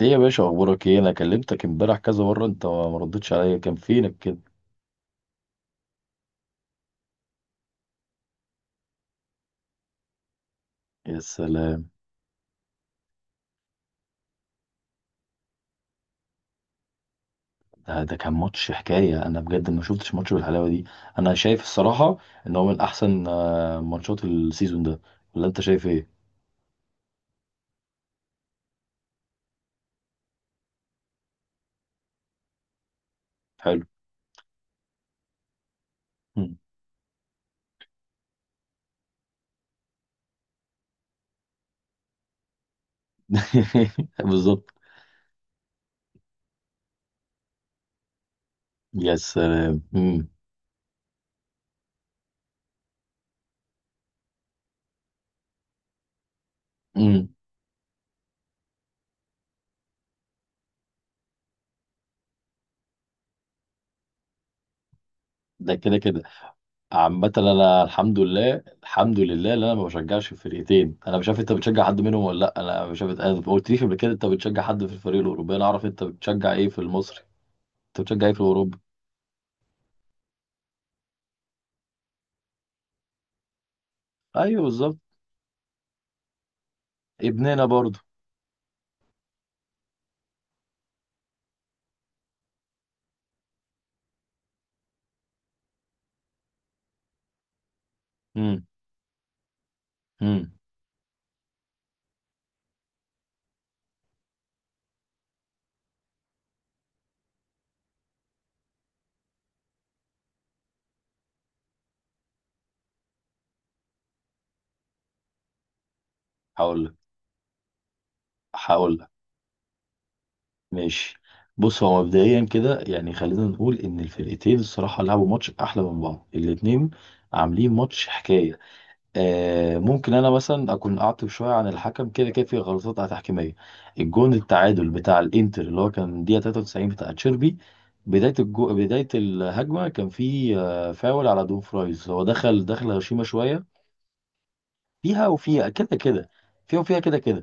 ايه يا باشا، اخبارك ايه؟ انا كلمتك امبارح كذا مره، انت ما ردتش عليا، كان فينك كده؟ يا سلام. ده كان ماتش حكايه، انا بجد ما شفتش ماتش بالحلاوه دي. انا شايف الصراحه ان هو من احسن ماتشات السيزون ده. ولا انت شايف ايه؟ حلو. مم. بالظبط. يا سلام. مم. مم. ده كده كده. عامة انا الحمد لله. الحمد لله ان انا ما بشجعش فرقتين. انا مش عارف انت بتشجع حد منهم ولا لا. انا مش عارف، انا ما قلتليش قبل كده انت بتشجع حد في الفريق الاوروبي. انا اعرف انت بتشجع ايه في المصري. انت بتشجع ايه في اوروبا؟ ايوه بالظبط. ابننا برضو. امم. امم. هقول لك. هقول لك. ماشي. بص، هو مبدئيا كده يعني، خلينا نقول ان الفرقتين الصراحه لعبوا ماتش احلى من بعض الاتنين. عاملين ماتش حكايه. آه ممكن انا مثلا اكون اعطب شويه عن الحكم، كده كده في غلطات تحكيميه. الجون التعادل بتاع الانتر اللي هو كان دقيقه 93 بتاع تشيربي. بداية الهجمة كان في فاول على دون فرايز، هو دخل هشيمة شوية. فيها وفيها كده كده. فيها وفيها كده كده.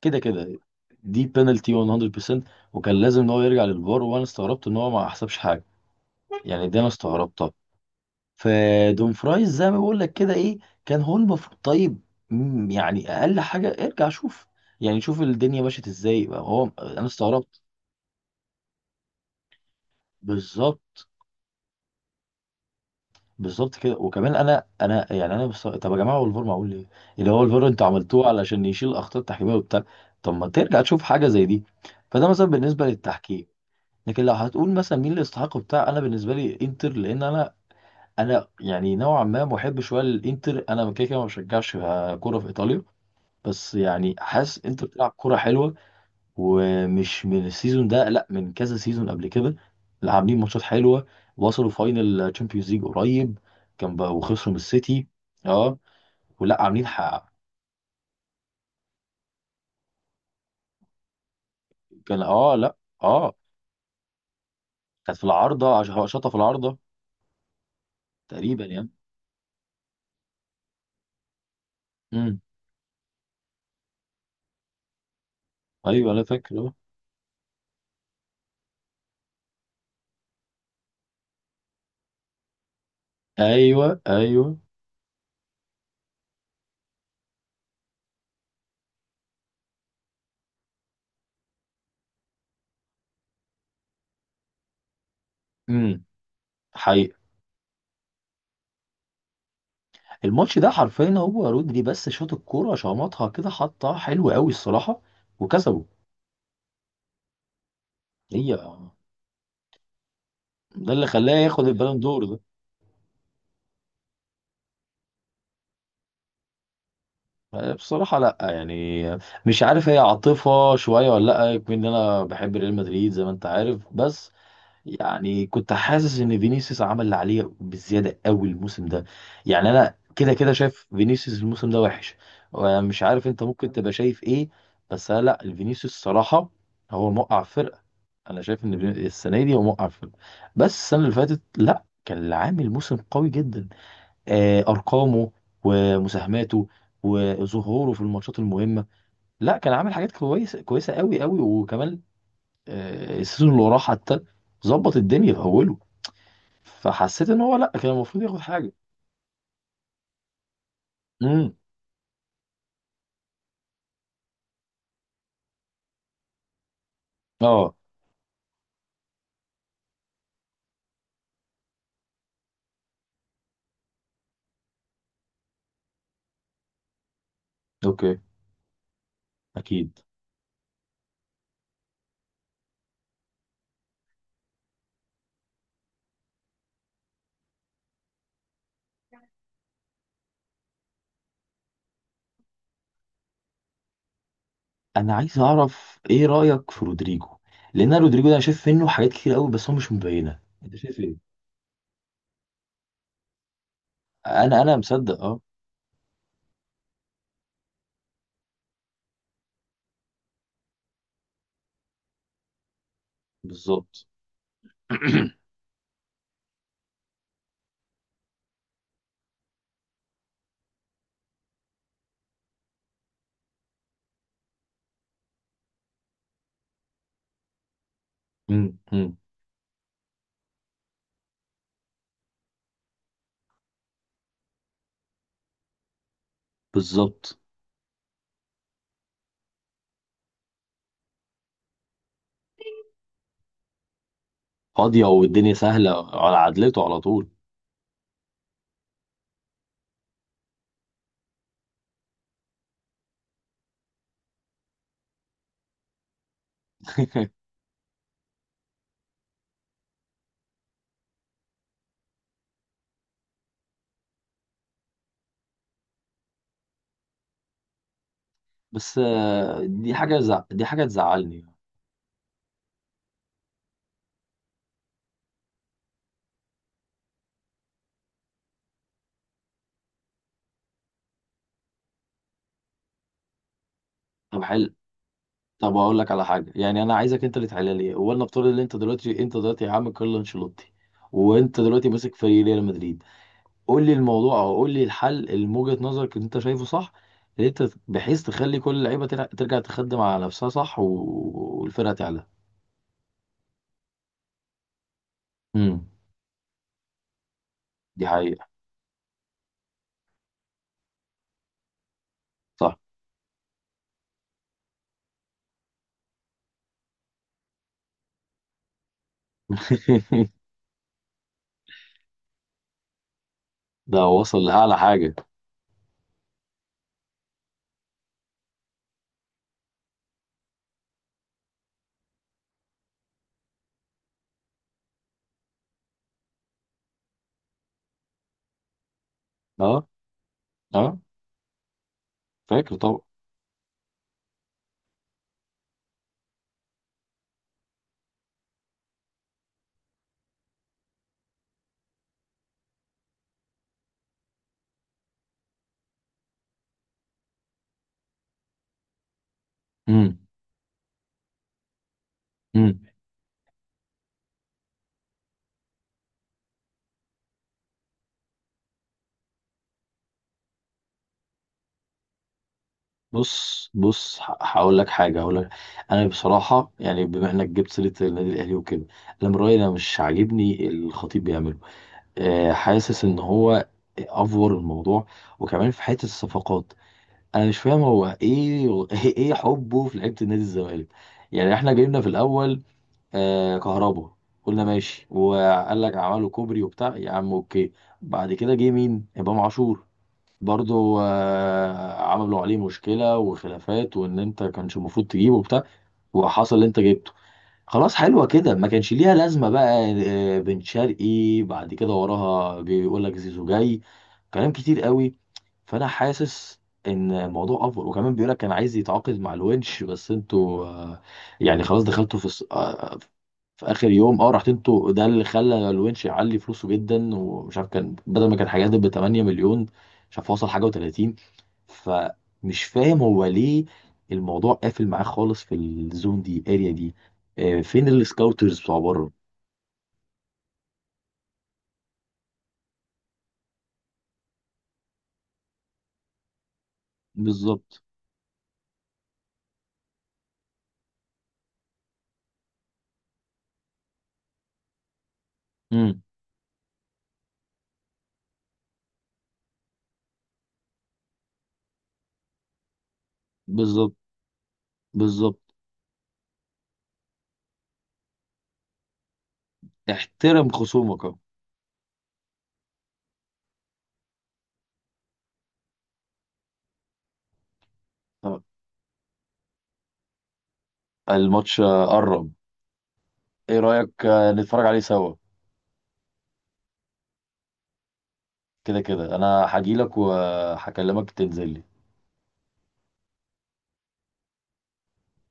كده كده. دي بينالتي 100%. وكان لازم ان هو يرجع للفار، وانا استغربت ان هو ما حسبش حاجه. يعني دي انا استغربتها. فدوم فرايز زي ما بقول لك كده ايه. كان هو المفروض طيب. يعني اقل حاجه ارجع شوف. يعني شوف الدنيا مشيت ازاي، هو انا استغربت. بالظبط. بالظبط كده. وكمان انا يعني، انا طب يا جماعه، هو الفار معمول ليه؟ اللي هو الفار انتوا عملتوه علشان يشيل الاخطاء التحكيميه وبتاع. طب ما ترجع تشوف حاجه زي دي. فده مثلا بالنسبه للتحكيم. لكن لو هتقول مثلا مين اللي يستحق بتاع، انا بالنسبه لي انتر، لان انا يعني نوعا ما محب شويه للانتر. انا كده كده ما بشجعش كوره في ايطاليا. بس يعني حاسس انتر بتلعب كوره حلوه. ومش من السيزون ده، لا من كذا سيزون قبل كده. اللي عاملين ماتشات حلوه. وصلوا فاينل تشامبيونز ليج قريب. كان بقى وخسروا من السيتي. اه. ولا عاملين حق. كان لا. اه كانت في العارضه، شاطه في العارضه. تقريبا يعني. امم. ايوه انا فاكر آه. ايوه ايوه. امم. حقيقة. الماتش ده حرفيا، هو رودري بس شاط الكوره، شمطها كده، حطها حلو قوي الصراحه. وكسبوا. هي ده اللي خلاه ياخد البالون دور ده. بصراحة لا، يعني مش عارف، هي عاطفة شوية ولا لا يكون ان انا بحب ريال مدريد زي ما انت عارف. بس يعني كنت حاسس ان فينيسيوس عمل اللي عليه بزيادة قوي الموسم ده. يعني انا كده كده شايف فينيسيوس الموسم ده وحش. مش عارف انت ممكن تبقى شايف ايه. بس أنا لا، الفينيسيوس الصراحة هو موقع فرقة. انا شايف ان السنة دي هو موقع فرقة. بس السنة اللي فاتت لا، كان عامل موسم قوي جدا. ارقامه ومساهماته وظهوره في الماتشات المهمه. لا كان عامل حاجات كويسه كويسه قوي قوي. وكمان السيزون اللي وراه حتى ظبط الدنيا في اوله. فحسيت ان هو لا، كان المفروض ياخد حاجه. امم. اه. اوكي. اكيد. انا عايز اعرف ايه رايك في رودريجو. لان أنا رودريجو ده، انا شايف منه حاجات كتير قوي بس هو مش مبينه. انت شايف ايه؟ انا مصدق اه. بالظبط. امم. أمم. بالظبط. فاضيه والدنيا سهله على عدلته على طول. بس دي حاجة تزعلني. طب حلو. طب أقول لك على حاجة، يعني أنا عايزك أنت اللي تحلها لي. هو نفترض إن أنت دلوقتي يا عم كارلو أنشيلوتي، وأنت دلوقتي ماسك فريق ريال مدريد. قول لي الموضوع، أو قول لي الحل اللي من وجهة نظرك اللي أنت شايفه صح. اللي أنت بحيث تخلي كل اللعيبة ترجع تخدم على نفسها، صح، والفرقة تعلى. امم. دي حقيقة. صح. ده وصل لأعلى حاجة. أه. أه. فاكر طبعا. امم. بص بص، هقول لك حاجه. هقول لك. انا بصراحه يعني، بما انك جبت سيره النادي الاهلي وكده، انا من رايي انا مش عاجبني الخطيب بيعمله. أه، حاسس ان هو افور الموضوع. وكمان في حته الصفقات، انا مش فاهم هو ايه ايه حبه في لعيبه النادي الزمالك. يعني احنا جبنا في الاول أه كهربا. قلنا ماشي، وقال لك عملوا كوبري وبتاع، يا عم اوكي. بعد كده جه مين؟ امام عاشور. برضو عملوا عليه مشكلة وخلافات، وان انت كانش المفروض تجيبه وبتاع. وحصل اللي انت جبته. خلاص حلوة كده، ما كانش ليها لازمة بقى. بن شرقي بعد كده وراها، بيقول لك زيزو جاي. كلام كتير قوي. فأنا حاسس إن الموضوع أفضل. وكمان بيقول لك كان عايز يتعاقد مع الونش، بس انتوا يعني خلاص دخلتوا في في آخر يوم رحت انتوا. ده اللي خلى الونش يعلي فلوسه جدا. ومش عارف كان بدل ما كان حاجات ب 8 مليون، مش عارف وصل حاجة و30. فمش فاهم هو ليه الموضوع قافل معاه خالص في الزون دي، الاريا دي. فين السكاوترز بتوع بره؟ بالظبط. امم. بالظبط. بالظبط. احترم خصومك اهو. طب، الماتش قرب. ايه رأيك نتفرج عليه سوا؟ كده كده، انا هجيلك وهكلمك تنزل لي.